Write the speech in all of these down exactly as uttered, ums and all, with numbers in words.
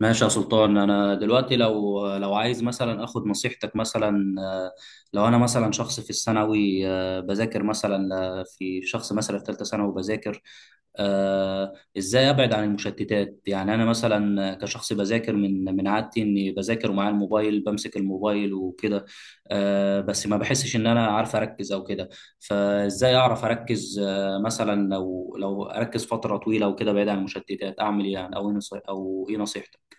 ماشي يا سلطان، انا دلوقتي لو لو عايز مثلا اخد نصيحتك مثلا آه، لو انا مثلا شخص في الثانوي آه، بذاكر مثلا آه، في شخص مثلا في ثالثه ثانوي بذاكر آه، ازاي ابعد عن المشتتات؟ يعني انا مثلا كشخص بذاكر، من من عادتي اني بذاكر ومعايا الموبايل، بمسك الموبايل وكده آه، بس ما بحسش ان انا عارف اركز او كده. فازاي اعرف اركز آه، مثلا لو لو اركز فتره طويله وكده بعيد عن المشتتات اعمل ايه يعني؟ او إيه نصي- او ايه نصيحتك؟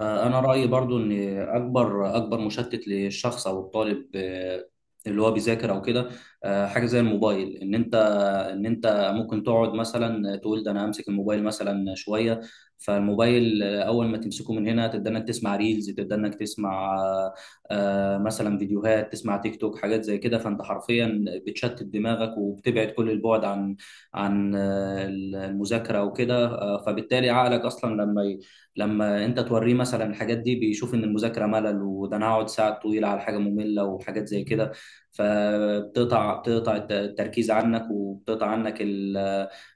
انا رايي برضو ان اكبر اكبر مشتت للشخص او الطالب آه، اللي هو بيذاكر او كده آه، حاجه زي الموبايل. ان انت ان انت ممكن تقعد مثلا تقول ده انا همسك الموبايل مثلا شويه. فالموبايل آه، اول ما تمسكه من هنا تبدا انك تسمع ريلز، تبدا انك تسمع آه، آه، مثلا فيديوهات، تسمع تيك توك، حاجات زي كده. فانت حرفيا بتشتت دماغك وبتبعد كل البعد عن عن آه، المذاكره وكده آه، فبالتالي عقلك اصلا لما ي- لما انت توريه مثلا الحاجات دي بيشوف ان المذاكره ملل، وده انا هقعد ساعات طويله على حاجه ممله وحاجات زي كده. فبتقطع بتقطع الت- التركيز عنك، وبتقطع عنك ال...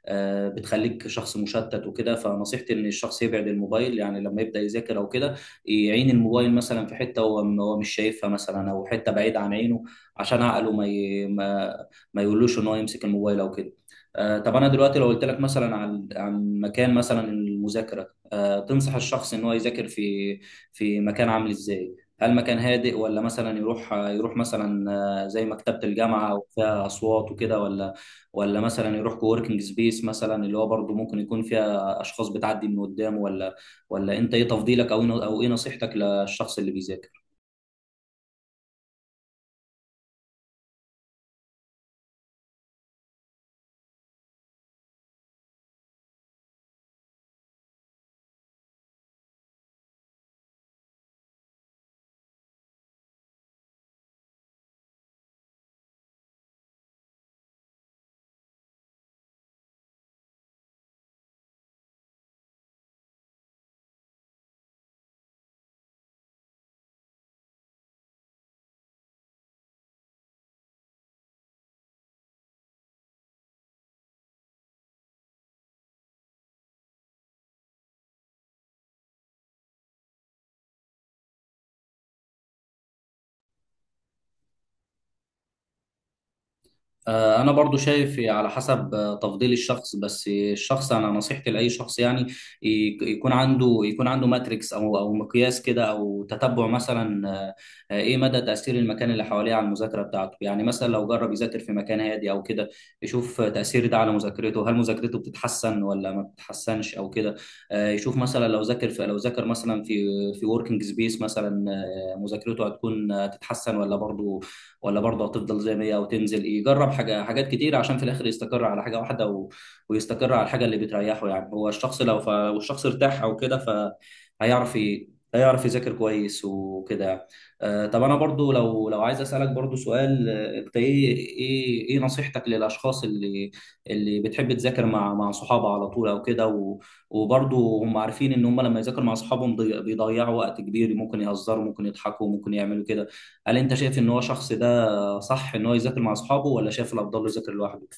آه، بتخليك شخص مشتت وكده. فنصيحتي ان الشخص يبعد الموبايل، يعني لما يبدا يذاكر او كده يعين الموبايل مثلا في حته هو م- هو مش شايفها مثلا، او حته بعيد عن عينه، عشان عقله ما ي... ما, ما يقولوش ان هو يمسك الموبايل او كده. آه، طب انا دلوقتي لو قلت لك مثلا عن عن مكان مثلا المذاكره آه، تنصح الشخص ان هو يذاكر في في مكان عامل ازاي؟ هل مكان هادئ، ولا مثلا يروح يروح مثلا، مثلا زي مكتبة الجامعة وفيها أصوات وكده، ولا ولا مثلا يروح كووركينج سبيس مثلا، اللي هو برضه ممكن يكون فيها أشخاص بتعدي من قدامه، ولا ولا أنت إيه تفضيلك؟ أو إيه- أو إيه نصيحتك للشخص اللي بيذاكر؟ آه، انا برضو شايف على حسب آه، تفضيل الشخص، بس الشخص انا نصيحتي لاي شخص يعني ي- يكون عنده يكون عنده ماتريكس او او مقياس كده، او تتبع مثلا آه، آه، ايه مدى تاثير المكان اللي حواليه على المذاكره بتاعته. يعني مثلا لو جرب يذاكر في مكان هادي او كده، يشوف تاثير ده على مذاكرته، هل مذاكرته بتتحسن ولا ما بتتحسنش او كده. آه، يشوف مثلا لو ذاكر في لو ذاكر مثلا في في وركينج سبيس مثلا آه، مذاكرته هتكون آه، تتحسن، ولا برضو ولا برضه هتفضل زي ما هي او تنزل. يجرب حاجه حاجات كتير عشان في الاخر يستقر على حاجه واحده و... ويستقر على الحاجه اللي بتريحه. يعني هو الشخص لو ف... والشخص ارتاح او كده، فهيعرف ي... هيعرف يذاكر كويس وكده. آه طب انا برضو لو لو عايز اسالك برضو سؤال آه، انت ايه ايه ايه نصيحتك للاشخاص اللي اللي بتحب تذاكر مع مع صحابها على طول او كده و... وبرضو هم عارفين ان هم لما يذاكروا مع اصحابهم ضي- بيضيعوا وقت كبير، ممكن يهزروا، ممكن يضحكوا، ممكن يعملوا كده. هل انت شايف ان هو شخص ده، صح ان هو يذاكر مع اصحابه، ولا شايف الافضل له يذاكر لوحده؟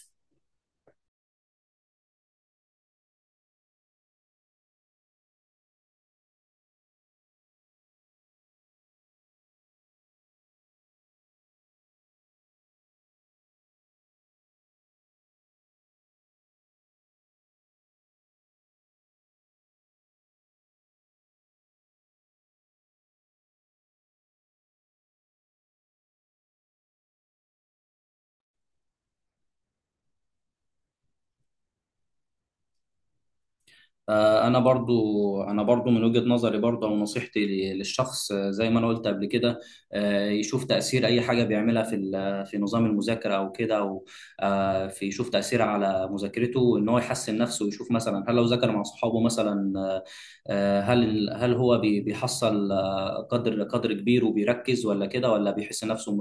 آه، انا برضو انا برضو من وجهة نظري برضو او نصيحتي ل- للشخص آه، زي ما انا قلت قبل كده آه، يشوف تاثير اي حاجه بيعملها في ال- في نظام المذاكره او كده، او آه، في يشوف تاثيرها على مذاكرته، ان هو يحسن نفسه ويشوف مثلا هل لو ذاكر مع اصحابه مثلا آه، آه، هل هل هو بي- بيحصل آه، قدر قدر كبير وبيركز ولا كده، ولا بيحس نفسه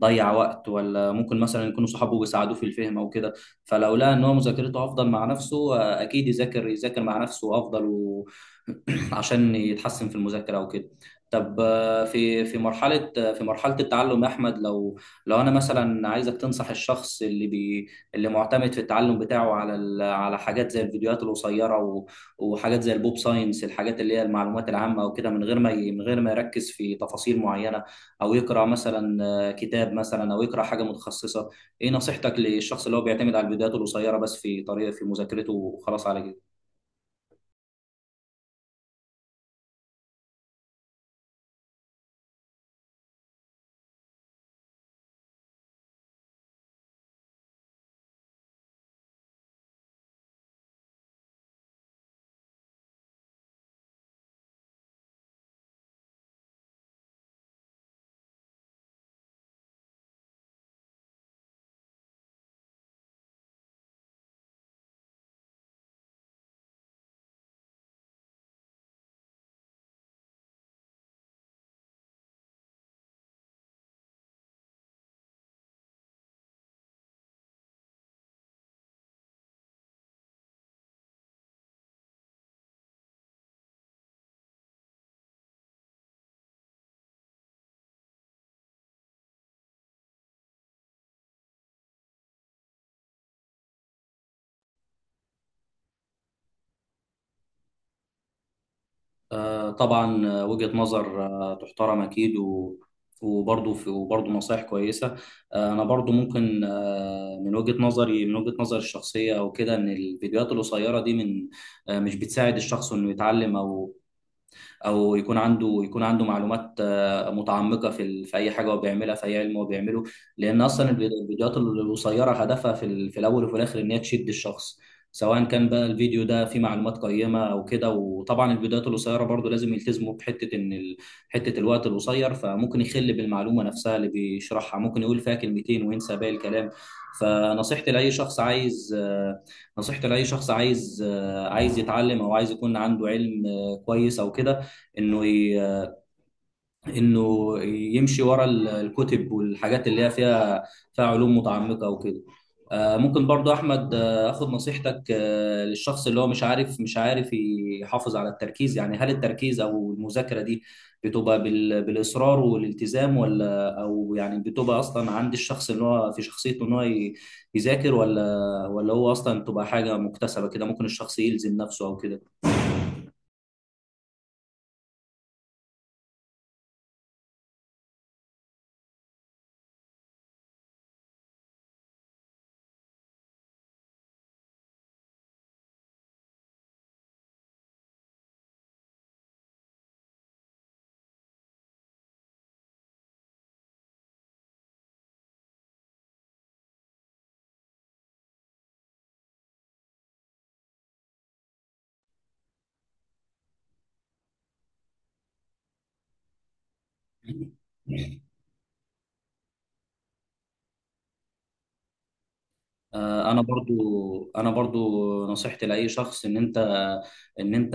ضيع وقت، ولا ممكن مثلا يكونوا صحابه بيساعدوه في الفهم او كده. فلو لقى ان هو مذاكرته افضل مع نفسه آه، اكيد يذاكر يذاكر مع نفسه افضل و... عشان يتحسن في المذاكره وكده. طب آه، في في مرحله آه، في مرحله التعلم يا احمد، لو لو انا مثلا عايزك تنصح الشخص اللي بي اللي معتمد في التعلم بتاعه على ال... على حاجات زي الفيديوهات القصيره و... وحاجات زي البوب ساينس، الحاجات اللي هي المعلومات العامه وكده، من غير ما ي... من غير ما يركز في تفاصيل معينه، او يقرا مثلا آه، كتاب مثلا، او يقرا حاجه متخصصه، ايه نصيحتك للشخص اللي هو بيعتمد على الفيديوهات القصيره بس في طريقه في مذاكرته وخلاص على كده؟ آه طبعا آه، وجهه نظر آه تحترم اكيد، و وبرضه في وبرضه نصائح كويسه. آه، انا برضه ممكن آه، من وجهه نظري من وجهه نظري الشخصيه او كده، ان الفيديوهات القصيره دي من آه، مش بتساعد الشخص انه يتعلم، او او يكون عنده يكون عنده معلومات آه، متعمقه في ال- في اي حاجه هو بيعملها، في اي علم هو بيعمله. لان اصلا الفيديو- الفيديوهات القصيره هدفها في ال- في الاول وفي الاخر ان هي تشد الشخص، سواء كان بقى الفيديو ده فيه معلومات قيمه او كده. وطبعا الفيديوهات القصيره برضو لازم يلتزموا بحته، ان ال... حته الوقت القصير فممكن يخل بالمعلومه نفسها اللي بيشرحها، ممكن يقول فيها كلمتين وينسى باقي الكلام. فنصيحتي لاي شخص عايز آه، نصيحتي لاي شخص عايز آه، عايز يتعلم، او عايز يكون عنده علم آه، كويس او كده، انه ي... انه يمشي ورا ال- الكتب والحاجات اللي هي فيها، فيها علوم متعمقه وكده. آه، ممكن برضو احمد آه، اخد نصيحتك آه، للشخص اللي هو مش عارف مش عارف يحافظ على التركيز؟ يعني هل التركيز او المذاكره دي بتبقى بال... بالاصرار والالتزام، ولا او يعني بتبقى اصلا عند الشخص اللي هو في شخصيته ان هو ي- يذاكر، ولا ولا هو اصلا بتبقى حاجه مكتسبه كده، ممكن الشخص يلزم نفسه او كده؟ آه، انا برضو انا برضو نصيحتي لاي شخص، ان انت ان انت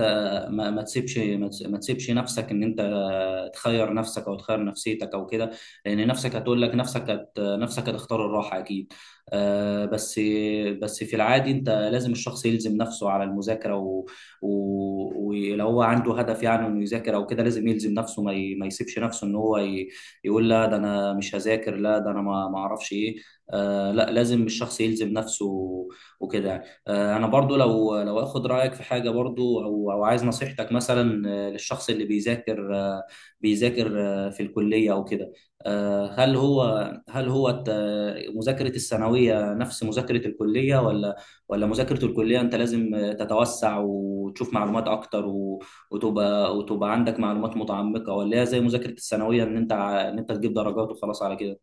ما, ما تسيبش ما تس- ما تسيبش نفسك ان انت تخير نفسك، او تخير نفسيتك او كده. لان نفسك هتقول لك، نفسك هت... نفسك هتختار الراحه اكيد. آه، بس بس في العادي انت لازم الشخص يلزم نفسه على المذاكره، و... و... ولو هو عنده هدف يعني انه يذاكر او كده، لازم يلزم نفسه، ما, ي... ما يسيبش نفسه ان هو ي... يقول لا، ده انا مش هذاكر، لا ده انا ما ما اعرفش ايه. آه لا، لازم الشخص يلزم نفسه وكده يعني. آه انا برضو لو لو اخد رايك في حاجه برضو، او او عايز نصيحتك مثلا آه، للشخص اللي بيذاكر آه، بيذاكر آه، في الكلية أو كده. آه، هل هو هل هو الت- مذاكرة الثانوية نفس مذاكرة الكلية، ولا ولا مذاكرة الكلية أنت لازم تتوسع وتشوف معلومات أكتر، و- وتبقى وتبقى عندك معلومات متعمقة، ولا هي زي مذاكرة الثانوية إن أنت ع- إن أنت تجيب درجات وخلاص على كده؟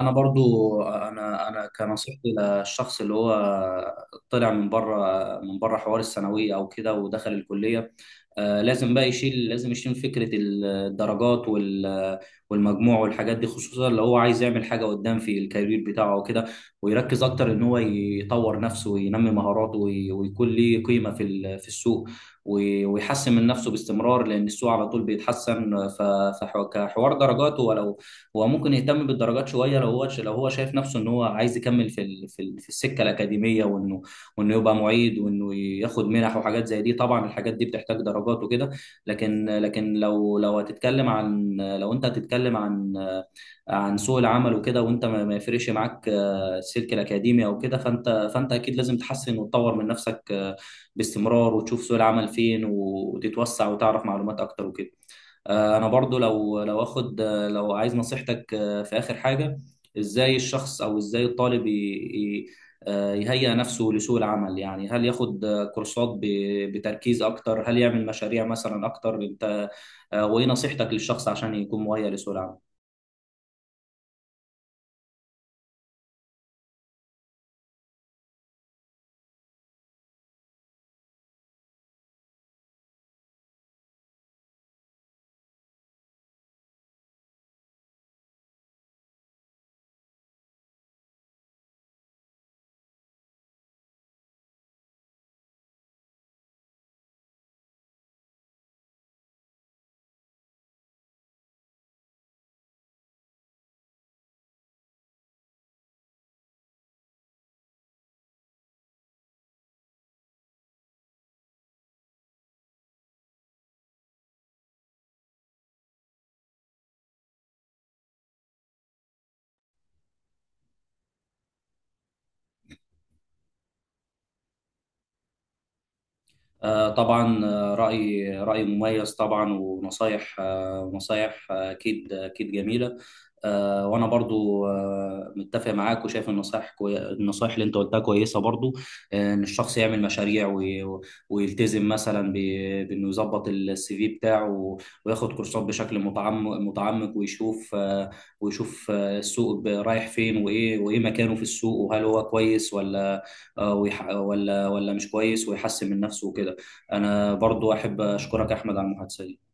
انا برضو انا انا كنصيحتي للشخص اللي هو طلع من بره، من بره حوار الثانويه او كده، ودخل الكليه آه، لازم بقى يشيل، لازم يشيل فكره الدرجات وال- والمجموع والحاجات دي، خصوصا لو هو عايز يعمل حاجه قدام في الكارير بتاعه او كده، ويركز اكتر ان هو يطور نفسه، وينمي مهاراته، وي- ويكون ليه قيمه في ال- في السوق، وي- ويحسن من نفسه باستمرار. لان السوق على طول بيتحسن. فكحوار درجاته، ولو هو ممكن يهتم بالدرجات شويه، لو هو لو هو شايف نفسه ان هو عايز يكمل في ال- في ال- في السكه الاكاديميه، وانه وانه يبقى معيد، وانه ياخد منح، وحاجات زي دي، طبعا الحاجات دي بتحتاج درجات وكده. لكن لكن لو لو هتتكلم عن لو انت هتتكلم عن عن سوق العمل وكده، وانت ما ما يفرقش معاك آه، السلك الاكاديمي او كده، فانت فانت اكيد لازم تحسن وتطور من نفسك آه، باستمرار، وتشوف سوق العمل فين، وتتوسع، وتعرف معلومات اكتر وكده. آه، انا برضو لو لو اخد آه، لو عايز نصيحتك آه، في اخر حاجه، ازاي الشخص، او ازاي الطالب ي- ي- آه، يهيئ نفسه لسوق العمل؟ يعني هل ياخد آه، كورسات ب- بتركيز اكتر؟ هل يعمل مشاريع مثلا اكتر؟ انت آه، وايه نصيحتك للشخص عشان يكون مهيئ لسوق العمل؟ آه، طبعا آه، رأي رأي مميز طبعا، ونصايح آه، نصايح آه، أكيد أكيد جميلة. آه، وأنا برضو آه، متفق معاك، وشايف النصايح كوي... النصايح اللي أنت قلتها كويسة برضو. آه، إن الشخص يعمل مشاريع، وي... ويلتزم مثلا ب... بإنه يظبط السي في بتاعه، و... وياخد كورسات بشكل متعمق متعمق، ويشوف آه، ويشوف آه، السوق ب- رايح فين، وإيه وإيه مكانه في السوق، وهل هو كويس ولا آه، ويح... ولا ولا مش كويس، ويحسن من نفسه وكده. انا برضو احب اشكرك احمد على المحادثه دي.